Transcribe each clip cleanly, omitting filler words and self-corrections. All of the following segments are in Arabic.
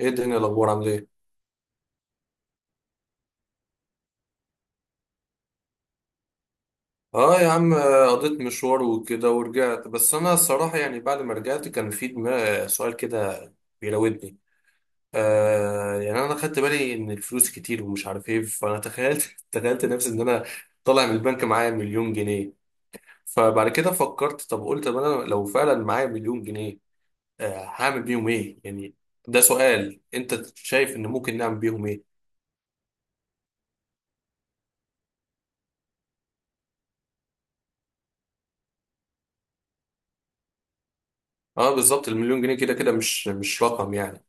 ايه الدنيا، الاخبار عامل ايه؟ اه يا عم، قضيت مشوار وكده ورجعت. بس انا الصراحه يعني بعد ما رجعت كان في دماغ سؤال كده بيراودني. يعني انا خدت بالي ان الفلوس كتير ومش عارف ايه، فانا تخيلت تخيلت نفسي ان انا طالع من البنك معايا مليون جنيه. فبعد كده فكرت، طب قلت طب انا لو فعلا معايا مليون جنيه، هعمل بيهم ايه يعني؟ ده سؤال، انت شايف ان ممكن نعمل بيهم ايه؟ اه بالظبط، المليون جنيه كده كده مش رقم يعني.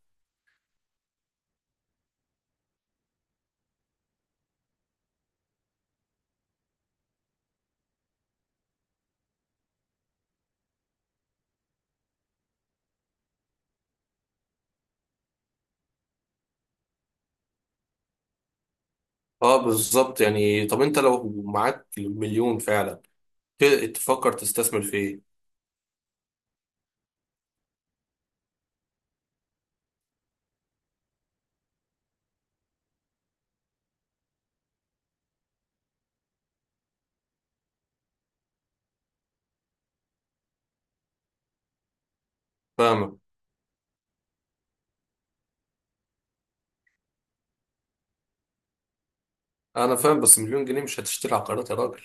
اه بالظبط، يعني طب انت لو معاك مليون فعلا، ت- تفكر تستثمر في ايه؟ فاهمك. انا فاهم بس مليون جنيه مش هتشتري عقارات يا راجل.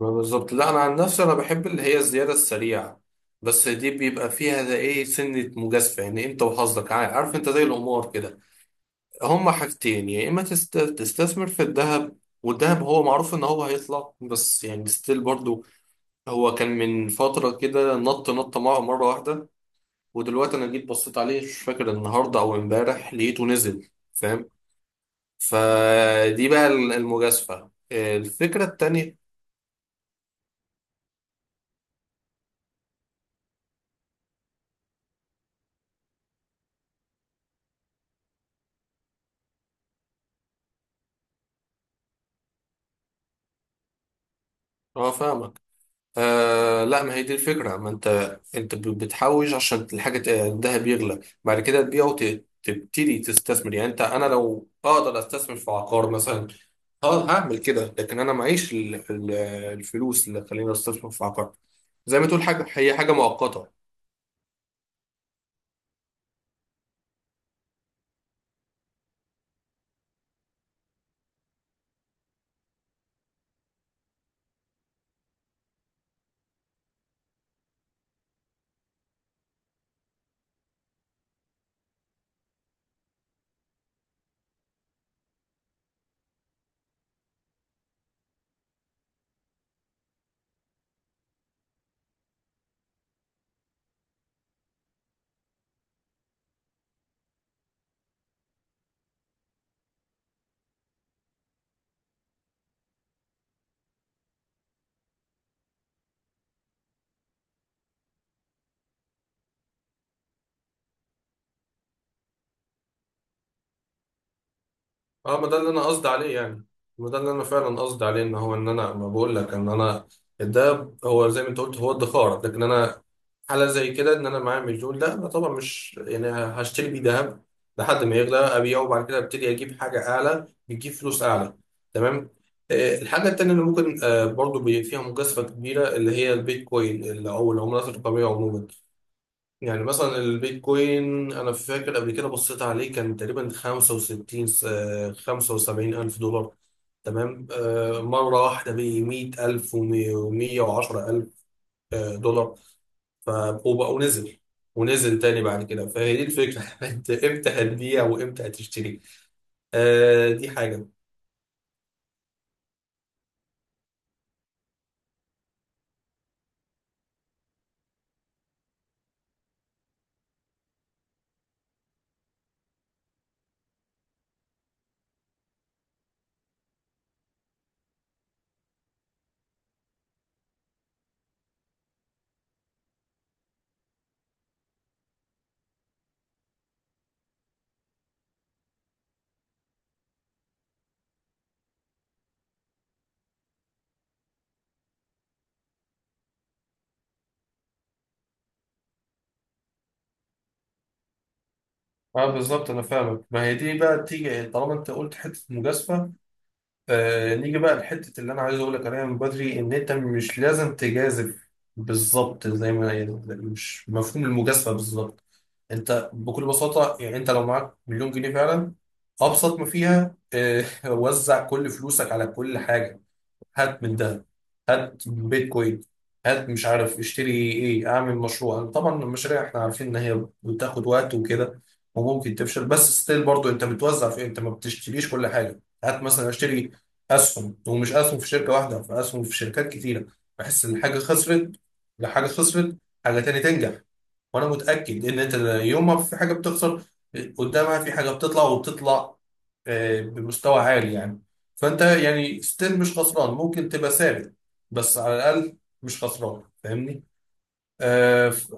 ما بالظبط، لا انا عن نفسي انا بحب اللي هي الزياده السريعه، بس دي بيبقى فيها ده ايه سنه مجازفه، يعني انت وحظك، عارف، انت زي القمار كده. هما حاجتين، يا اما تستثمر في الذهب، والذهب هو معروف ان هو هيطلع، بس يعني ستيل برضو هو كان من فتره كده نط نط مره واحده، ودلوقتي انا جيت بصيت عليه مش فاكر النهارده او امبارح لقيته نزل، فاهم؟ فدي بقى المجازفة، الفكرة التانية. اه فاهمك. لا، ما هي دي الفكرة، ما انت انت بتحوش، عشان الحاجة الذهب بيغلى بعد كده تبيعه وتبتدي تستثمر. يعني انت انا لو اقدر استثمر في عقار مثلا اه هعمل كده، لكن انا معيش الفلوس اللي تخليني استثمر في عقار. زي ما تقول حاجة، هي حاجة مؤقتة. اه ما ده اللي انا قصدي عليه يعني، ما ده اللي انا فعلا قصدي عليه، ان هو ان انا ما بقول لك ان انا ده هو زي ما انت قلت هو ادخار، لكن انا حالة زي كده ان انا معايا مليون ده انا طبعا مش يعني هشتري بيه ذهب لحد ما يغلى ابيعه وبعد كده ابتدي اجيب حاجة اعلى بتجيب فلوس اعلى. تمام. الحاجة التانية اللي ممكن برضو فيها مجازفة كبيرة اللي هي البيتكوين، او العملات الرقمية عموما. يعني مثلا البيتكوين، انا فاكر قبل كده بصيت عليه كان تقريبا 65 75 الف دولار. تمام، مره واحده ب 100 الف و110 الف دولار، ف- وبقى ونزل، ونزل تاني بعد كده. فهي دي الفكره، انت امتى هتبيع وامتى هتشتري؟ دي حاجه. اه بالظبط، انا فاهمك، ما هي دي بقى تيجي طالما انت قلت حته مجازفه. نيجي بقى لحتة اللي أنا عايز أقول لك عليها من بدري، إن أنت مش لازم تجازف. بالظبط زي ما يعني، مش مفهوم المجازفة بالظبط. أنت بكل بساطة، يعني أنت لو معاك مليون جنيه فعلا، أبسط ما فيها وزع كل فلوسك على كل حاجة. هات من ده، هات بيتكوين، هات مش عارف اشتري ايه، اعمل مشروع. طبعا المشاريع احنا عارفين ان هي بتاخد وقت وكده وممكن تفشل، بس ستيل برضو انت بتوزع في إيه؟ انت ما بتشتريش كل حاجه، هات مثلا اشتري اسهم، ومش اسهم في شركه واحده، في اسهم في شركات كتيره. بحس ان حاجه خسرت، لحاجه خسرت حاجه تاني تنجح. وانا متاكد ان انت يوم ما في حاجه بتخسر قدامها في حاجه بتطلع وبتطلع بمستوى عالي يعني. فانت يعني ستيل مش خسران، ممكن تبقى ثابت، بس على الاقل مش خسران، فاهمني؟ اه ف-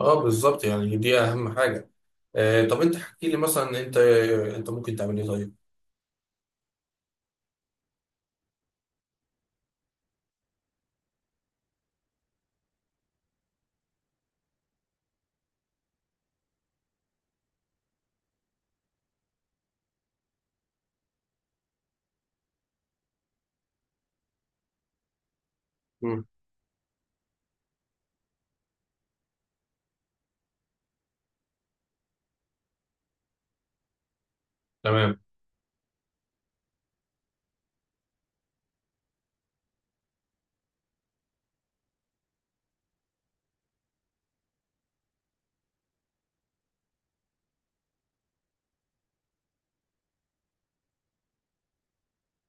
آه، بالظبط يعني دي اهم حاجه. طب انت احكي لي مثلا انت، ممكن تعمل ايه طيب؟ مم. تمام.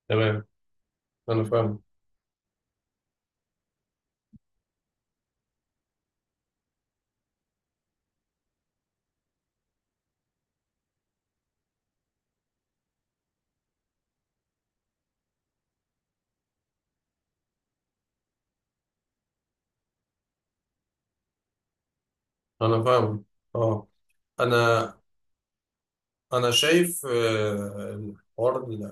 تمام. انا فاهم. انا فاهم. اه انا انا شايف الحوار،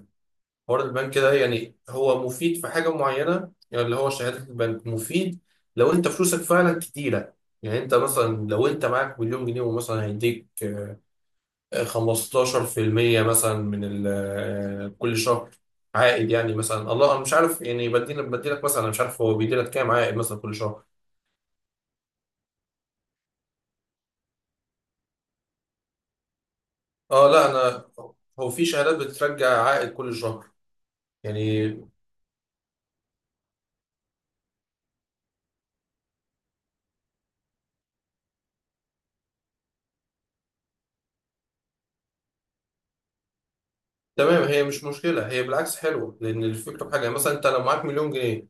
حوار البنك ده، يعني هو مفيد في حاجة معينة، يعني اللي هو شهادة البنك مفيد لو انت فلوسك فعلا كتيرة. يعني انت مثلا لو انت معاك مليون جنيه ومثلا هيديك 15% مثلا من كل شهر عائد. يعني مثلا الله انا مش عارف، يعني بديلك، مثلا انا مش عارف هو بيديلك كام عائد مثلا كل شهر. اه لا، انا هو في شهادات بترجع عائد كل شهر يعني. تمام، هي مش مشكلة، هي بالعكس حلوة، لأن الفكرة في حاجة، مثلا أنت لو معاك مليون جنيه،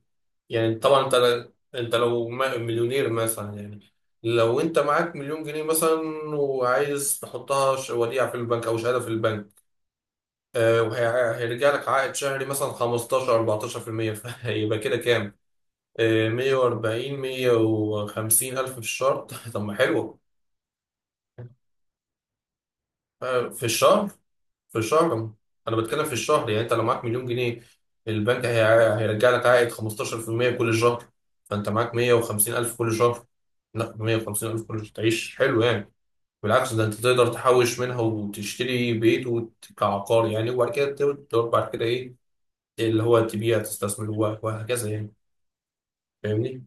يعني طبعا انت، لو مليونير مثلا يعني، لو انت معاك مليون جنيه مثلا وعايز تحطها وديعة في البنك او شهادة في البنك، وهيرجع لك عائد شهري مثلا 15 14%، فيبقى كده كام؟ 140 150 الف في الشهر. طب ما حلو. في الشهر، في الشهر، انا بتكلم في الشهر. يعني انت لو معاك مليون جنيه البنك هيرجع لك عائد 15% كل شهر، فانت معاك 150 الف كل شهر. لا، 150 الف كل شهر تعيش حلو يعني. بالعكس، ده انت تقدر تحوش منها وتشتري بيت كعقار يعني، وبعد كده تقدر بعد كده ايه، اللي هو تبيع، تستثمر وهكذا يعني. فاهمني؟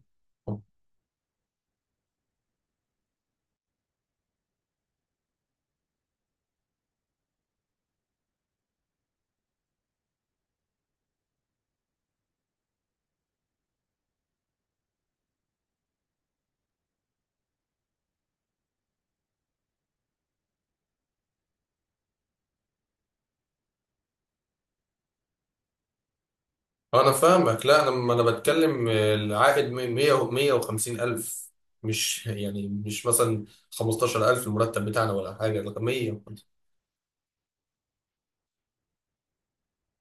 انا فاهمك. لا انا ما انا بتكلم العائد 100 150 الف، مش يعني مش مثلا 15000 الف المرتب بتاعنا ولا حاجه، لا 100.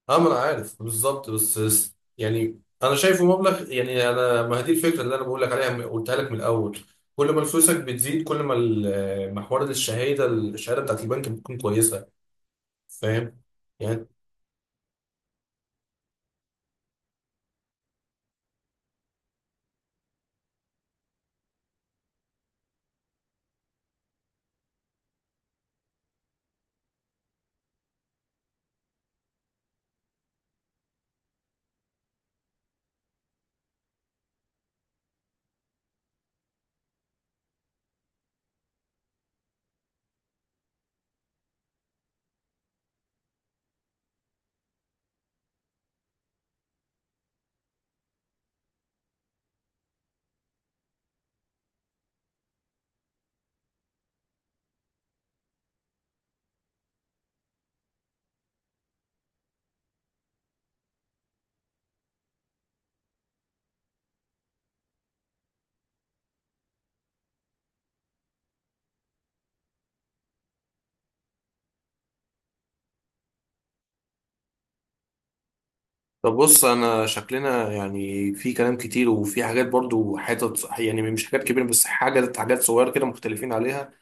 اه ما انا عارف بالظبط، بس يعني انا شايفه مبلغ يعني. انا ما هي دي الفكره اللي انا بقول لك عليها، قلتها لك من الاول. كل ما فلوسك بتزيد كل ما محور الشهاده، بتاعت البنك بتكون كويسه، فاهم يعني؟ طب بص انا شكلنا يعني في كلام كتير وفي حاجات برضو حتت يعني مش حاجات كبيره بس حاجات، صغيره كده مختلفين عليها.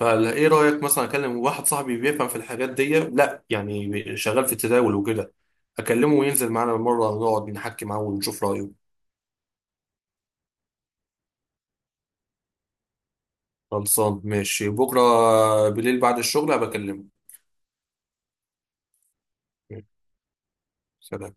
فايه رايك مثلا اكلم واحد صاحبي بيفهم في الحاجات دي، لا يعني شغال في التداول وكده، اكلمه وينزل معانا مره نقعد نحكي معاه ونشوف رايه. خلصان ماشي، بكره بالليل بعد الشغل هبكلمه. سلام.